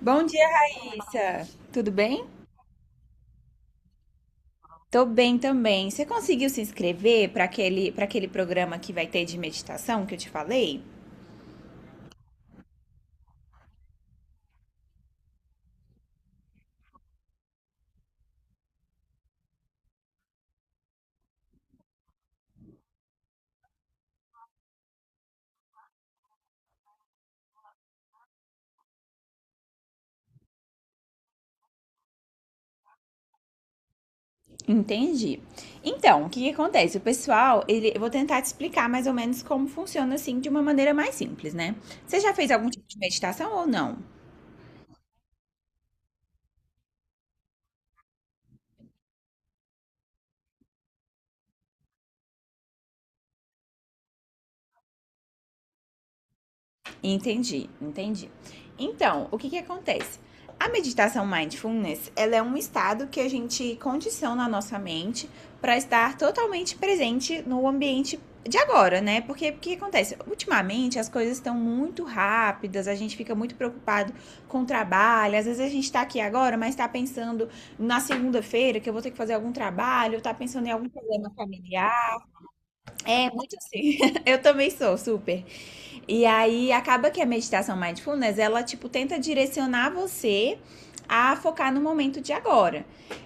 Bom dia, Raíssa. Tudo bem? Tô bem também. Você conseguiu se inscrever para aquele programa que vai ter de meditação que eu te falei? Entendi. Então, o que que acontece? O pessoal, ele, eu vou tentar te explicar mais ou menos como funciona assim de uma maneira mais simples, né? Você já fez algum tipo de meditação ou não? Entendi, entendi. Então, o que que acontece? A meditação mindfulness, ela é um estado que a gente condiciona a nossa mente para estar totalmente presente no ambiente de agora, né? Porque o que acontece? Ultimamente as coisas estão muito rápidas, a gente fica muito preocupado com o trabalho. Às vezes a gente tá aqui agora, mas tá pensando na segunda-feira que eu vou ter que fazer algum trabalho, tá pensando em algum problema familiar. É, muito assim. Eu também sou, super. E aí acaba que a meditação mindfulness, ela tipo tenta direcionar você a focar no momento de agora.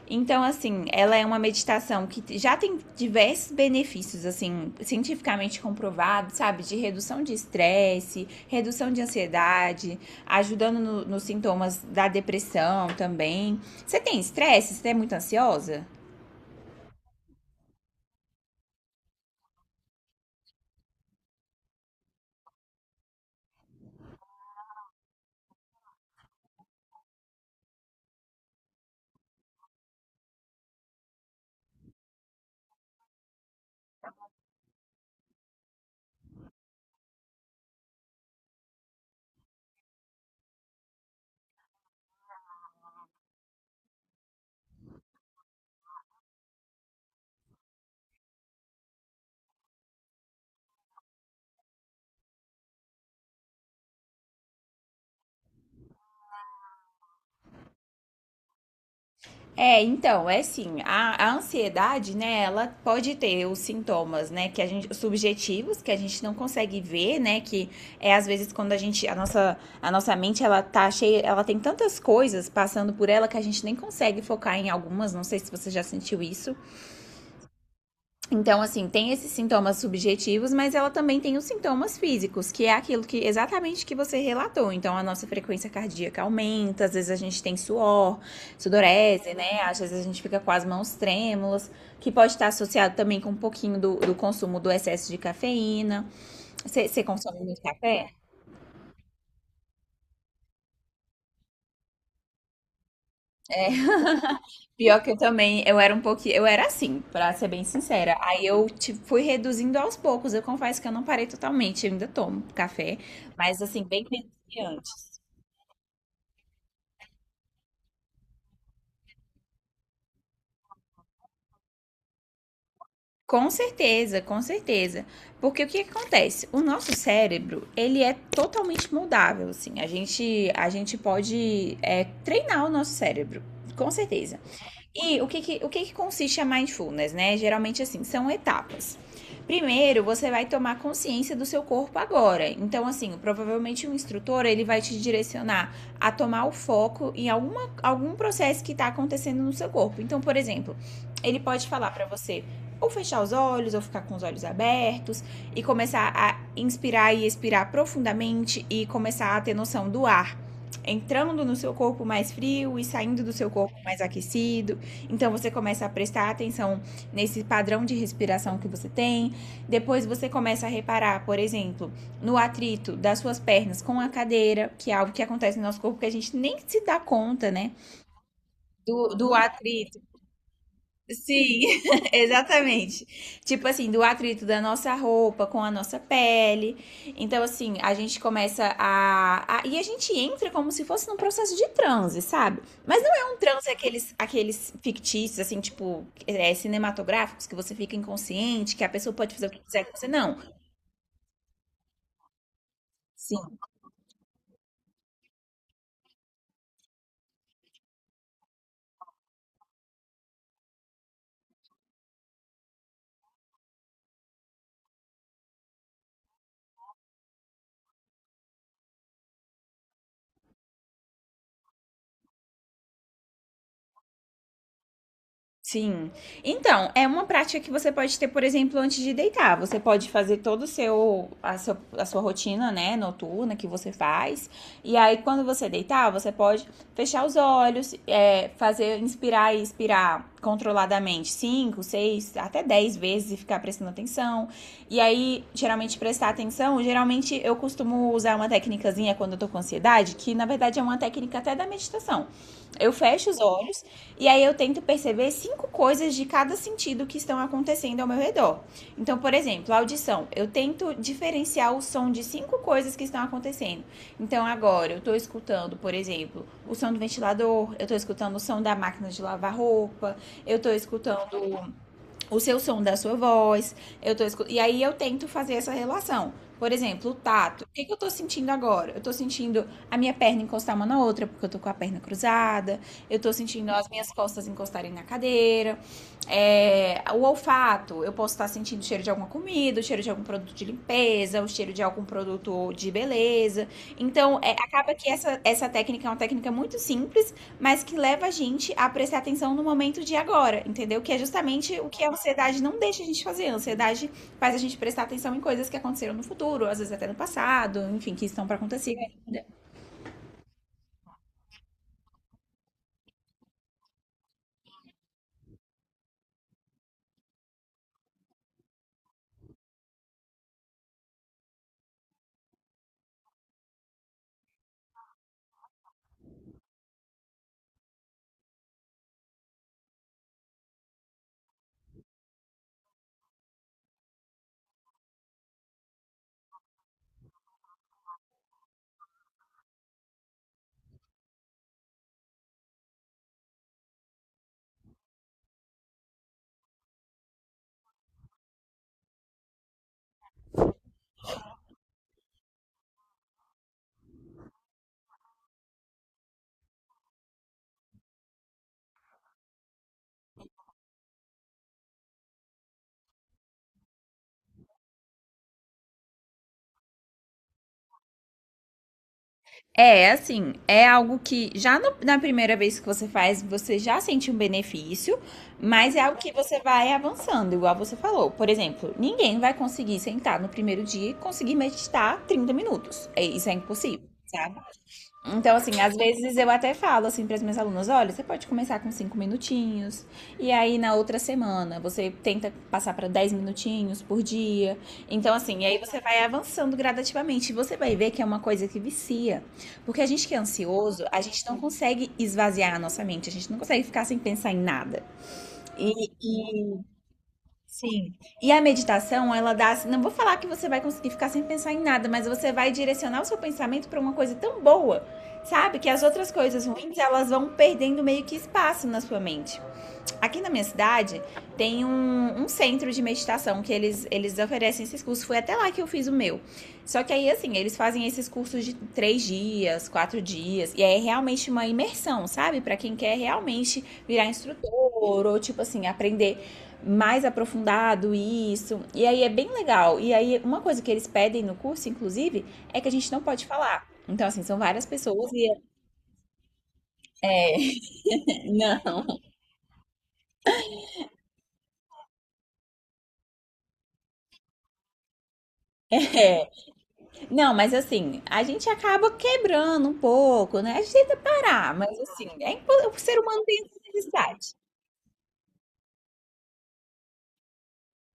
Então, assim, ela é uma meditação que já tem diversos benefícios, assim, cientificamente comprovados, sabe? De redução de estresse, redução de ansiedade, ajudando no, nos sintomas da depressão também. Você tem estresse? Você é muito ansiosa? É, então, é assim, a ansiedade, né, ela pode ter os sintomas, né, que a gente, os subjetivos, que a gente não consegue ver, né, que é às vezes quando a gente, a nossa mente, ela tá cheia, ela tem tantas coisas passando por ela que a gente nem consegue focar em algumas, não sei se você já sentiu isso, então, assim, tem esses sintomas subjetivos, mas ela também tem os sintomas físicos, que é aquilo que exatamente que você relatou. Então, a nossa frequência cardíaca aumenta, às vezes a gente tem suor, sudorese, né? Às vezes a gente fica com as mãos trêmulas, que pode estar associado também com um pouquinho do consumo do excesso de cafeína. Você consome muito café? É. Pior que eu também, eu era um pouquinho, eu era assim, pra ser bem sincera. Aí eu tipo, fui reduzindo aos poucos. Eu confesso que eu não parei totalmente, eu ainda tomo café, mas assim, bem menos que antes. Com certeza, com certeza. Porque o que que acontece? O nosso cérebro, ele é totalmente moldável, assim. A gente pode é, treinar o nosso cérebro, com certeza. E o que, que consiste a mindfulness, né? Geralmente, assim, são etapas. Primeiro, você vai tomar consciência do seu corpo agora. Então, assim, provavelmente um instrutor, ele vai te direcionar a tomar o foco em algum processo que está acontecendo no seu corpo. Então, por exemplo, ele pode falar para você ou fechar os olhos, ou ficar com os olhos abertos, e começar a inspirar e expirar profundamente, e começar a ter noção do ar entrando no seu corpo mais frio e saindo do seu corpo mais aquecido. Então você começa a prestar atenção nesse padrão de respiração que você tem. Depois você começa a reparar, por exemplo, no atrito das suas pernas com a cadeira, que é algo que acontece no nosso corpo que a gente nem se dá conta, né? Do atrito. Sim, exatamente. Tipo assim, do atrito da nossa roupa com a nossa pele. Então, assim, a gente começa a- E a gente entra como se fosse num processo de transe, sabe? Mas não é um transe aqueles, aqueles fictícios, assim, tipo, é, cinematográficos, que você fica inconsciente, que a pessoa pode fazer o que quiser com você. Não. Sim. Sim. Então, é uma prática que você pode ter, por exemplo, antes de deitar. Você pode fazer todo o seu a, seu, a sua rotina, né, noturna que você faz. E aí, quando você deitar, você pode fechar os olhos, é, fazer inspirar e expirar controladamente 5, 6, até 10 vezes e ficar prestando atenção. E aí, geralmente prestar atenção, geralmente eu costumo usar uma técnicazinha quando eu tô com ansiedade, que na verdade é uma técnica até da meditação. Eu fecho os olhos e aí eu tento perceber cinco coisas de cada sentido que estão acontecendo ao meu redor. Então, por exemplo, a audição. Eu tento diferenciar o som de cinco coisas que estão acontecendo. Então, agora eu estou escutando, por exemplo, o som do ventilador, eu estou escutando o som da máquina de lavar roupa, eu estou escutando o seu som da sua voz. Eu tô escu... E aí eu tento fazer essa relação. Por exemplo, o tato. O que, que eu tô sentindo agora? Eu tô sentindo a minha perna encostar uma na outra, porque eu tô com a perna cruzada. Eu tô sentindo as minhas costas encostarem na cadeira. É, o olfato. Eu posso estar sentindo o cheiro de alguma comida, o cheiro de algum produto de limpeza, o cheiro de algum produto de beleza. Então, é, acaba que essa técnica é uma técnica muito simples mas que leva a gente a prestar atenção no momento de agora, entendeu? Que é justamente o que a ansiedade não deixa a gente fazer. A ansiedade faz a gente prestar atenção em coisas que aconteceram no futuro, às vezes até no passado, enfim, que estão para acontecer ainda. É, assim, é algo que já na primeira vez que você faz, você já sente um benefício, mas é algo que você vai avançando, igual você falou. Por exemplo, ninguém vai conseguir sentar no primeiro dia e conseguir meditar 30 minutos. É, isso é impossível, sabe? Então, assim, às vezes eu até falo assim para as minhas alunas, olha, você pode começar com 5 minutinhos, e aí na outra semana você tenta passar para 10 minutinhos por dia. Então, assim, e aí você vai avançando gradativamente. E você vai ver que é uma coisa que vicia. Porque a gente que é ansioso, a gente não consegue esvaziar a nossa mente, a gente não consegue ficar sem pensar em nada. E, Sim. E a meditação, ela dá, assim, não vou falar que você vai conseguir ficar sem pensar em nada, mas você vai direcionar o seu pensamento para uma coisa tão boa, sabe? Que as outras coisas ruins, elas vão perdendo meio que espaço na sua mente. Aqui na minha cidade tem um centro de meditação que eles oferecem esses cursos. Foi até lá que eu fiz o meu. Só que aí, assim, eles fazem esses cursos de 3 dias, 4 dias. E aí é realmente uma imersão, sabe? Pra quem quer realmente virar instrutor ou, tipo assim, aprender mais aprofundado isso. E aí é bem legal. E aí, uma coisa que eles pedem no curso, inclusive, é que a gente não pode falar. Então, assim, são várias pessoas e. Não, é. Não, mas assim, a gente acaba quebrando um pouco, né? A gente tenta parar, mas assim, o ser humano tem essa necessidade.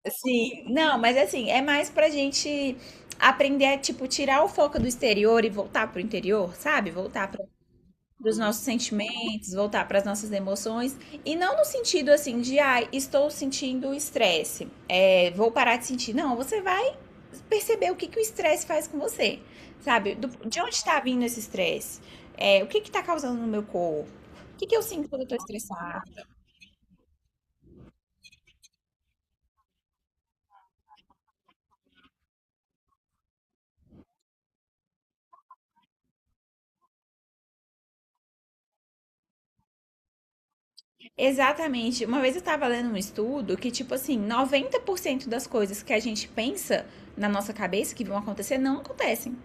Sim, não, mas assim, é mais pra gente aprender a, tipo, tirar o foco do exterior e voltar pro interior, sabe? Voltar pra dos nossos sentimentos, voltar para as nossas emoções e não no sentido assim de ai, estou sentindo estresse, é, vou parar de sentir. Não, você vai perceber o que, que o estresse faz com você, sabe? De onde está vindo esse estresse? É, o que está causando no meu corpo? O que, que eu sinto quando eu estou estressada? Exatamente. Uma vez eu tava lendo um estudo que, tipo assim, 90% das coisas que a gente pensa na nossa cabeça que vão acontecer não acontecem.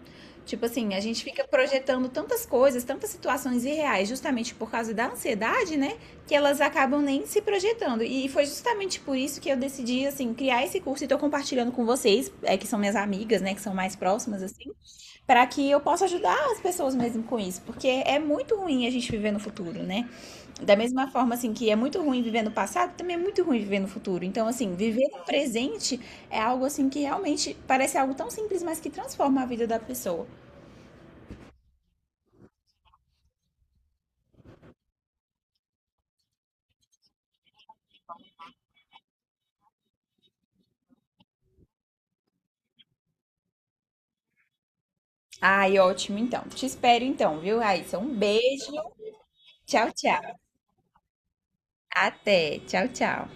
Tipo assim, a gente fica projetando tantas coisas, tantas situações irreais, justamente por causa da ansiedade, né? Que elas acabam nem se projetando. E foi justamente por isso que eu decidi, assim, criar esse curso e tô compartilhando com vocês, é, que são minhas amigas, né? Que são mais próximas, assim para que eu possa ajudar as pessoas mesmo com isso, porque é muito ruim a gente viver no futuro, né? Da mesma forma assim que é muito ruim viver no passado, também é muito ruim viver no futuro. Então assim, viver no presente é algo assim que realmente parece algo tão simples, mas que transforma a vida da pessoa. Ai, ótimo então. Te espero então, viu, Raíssa? Um beijo. Tchau, tchau. Até. Tchau, tchau.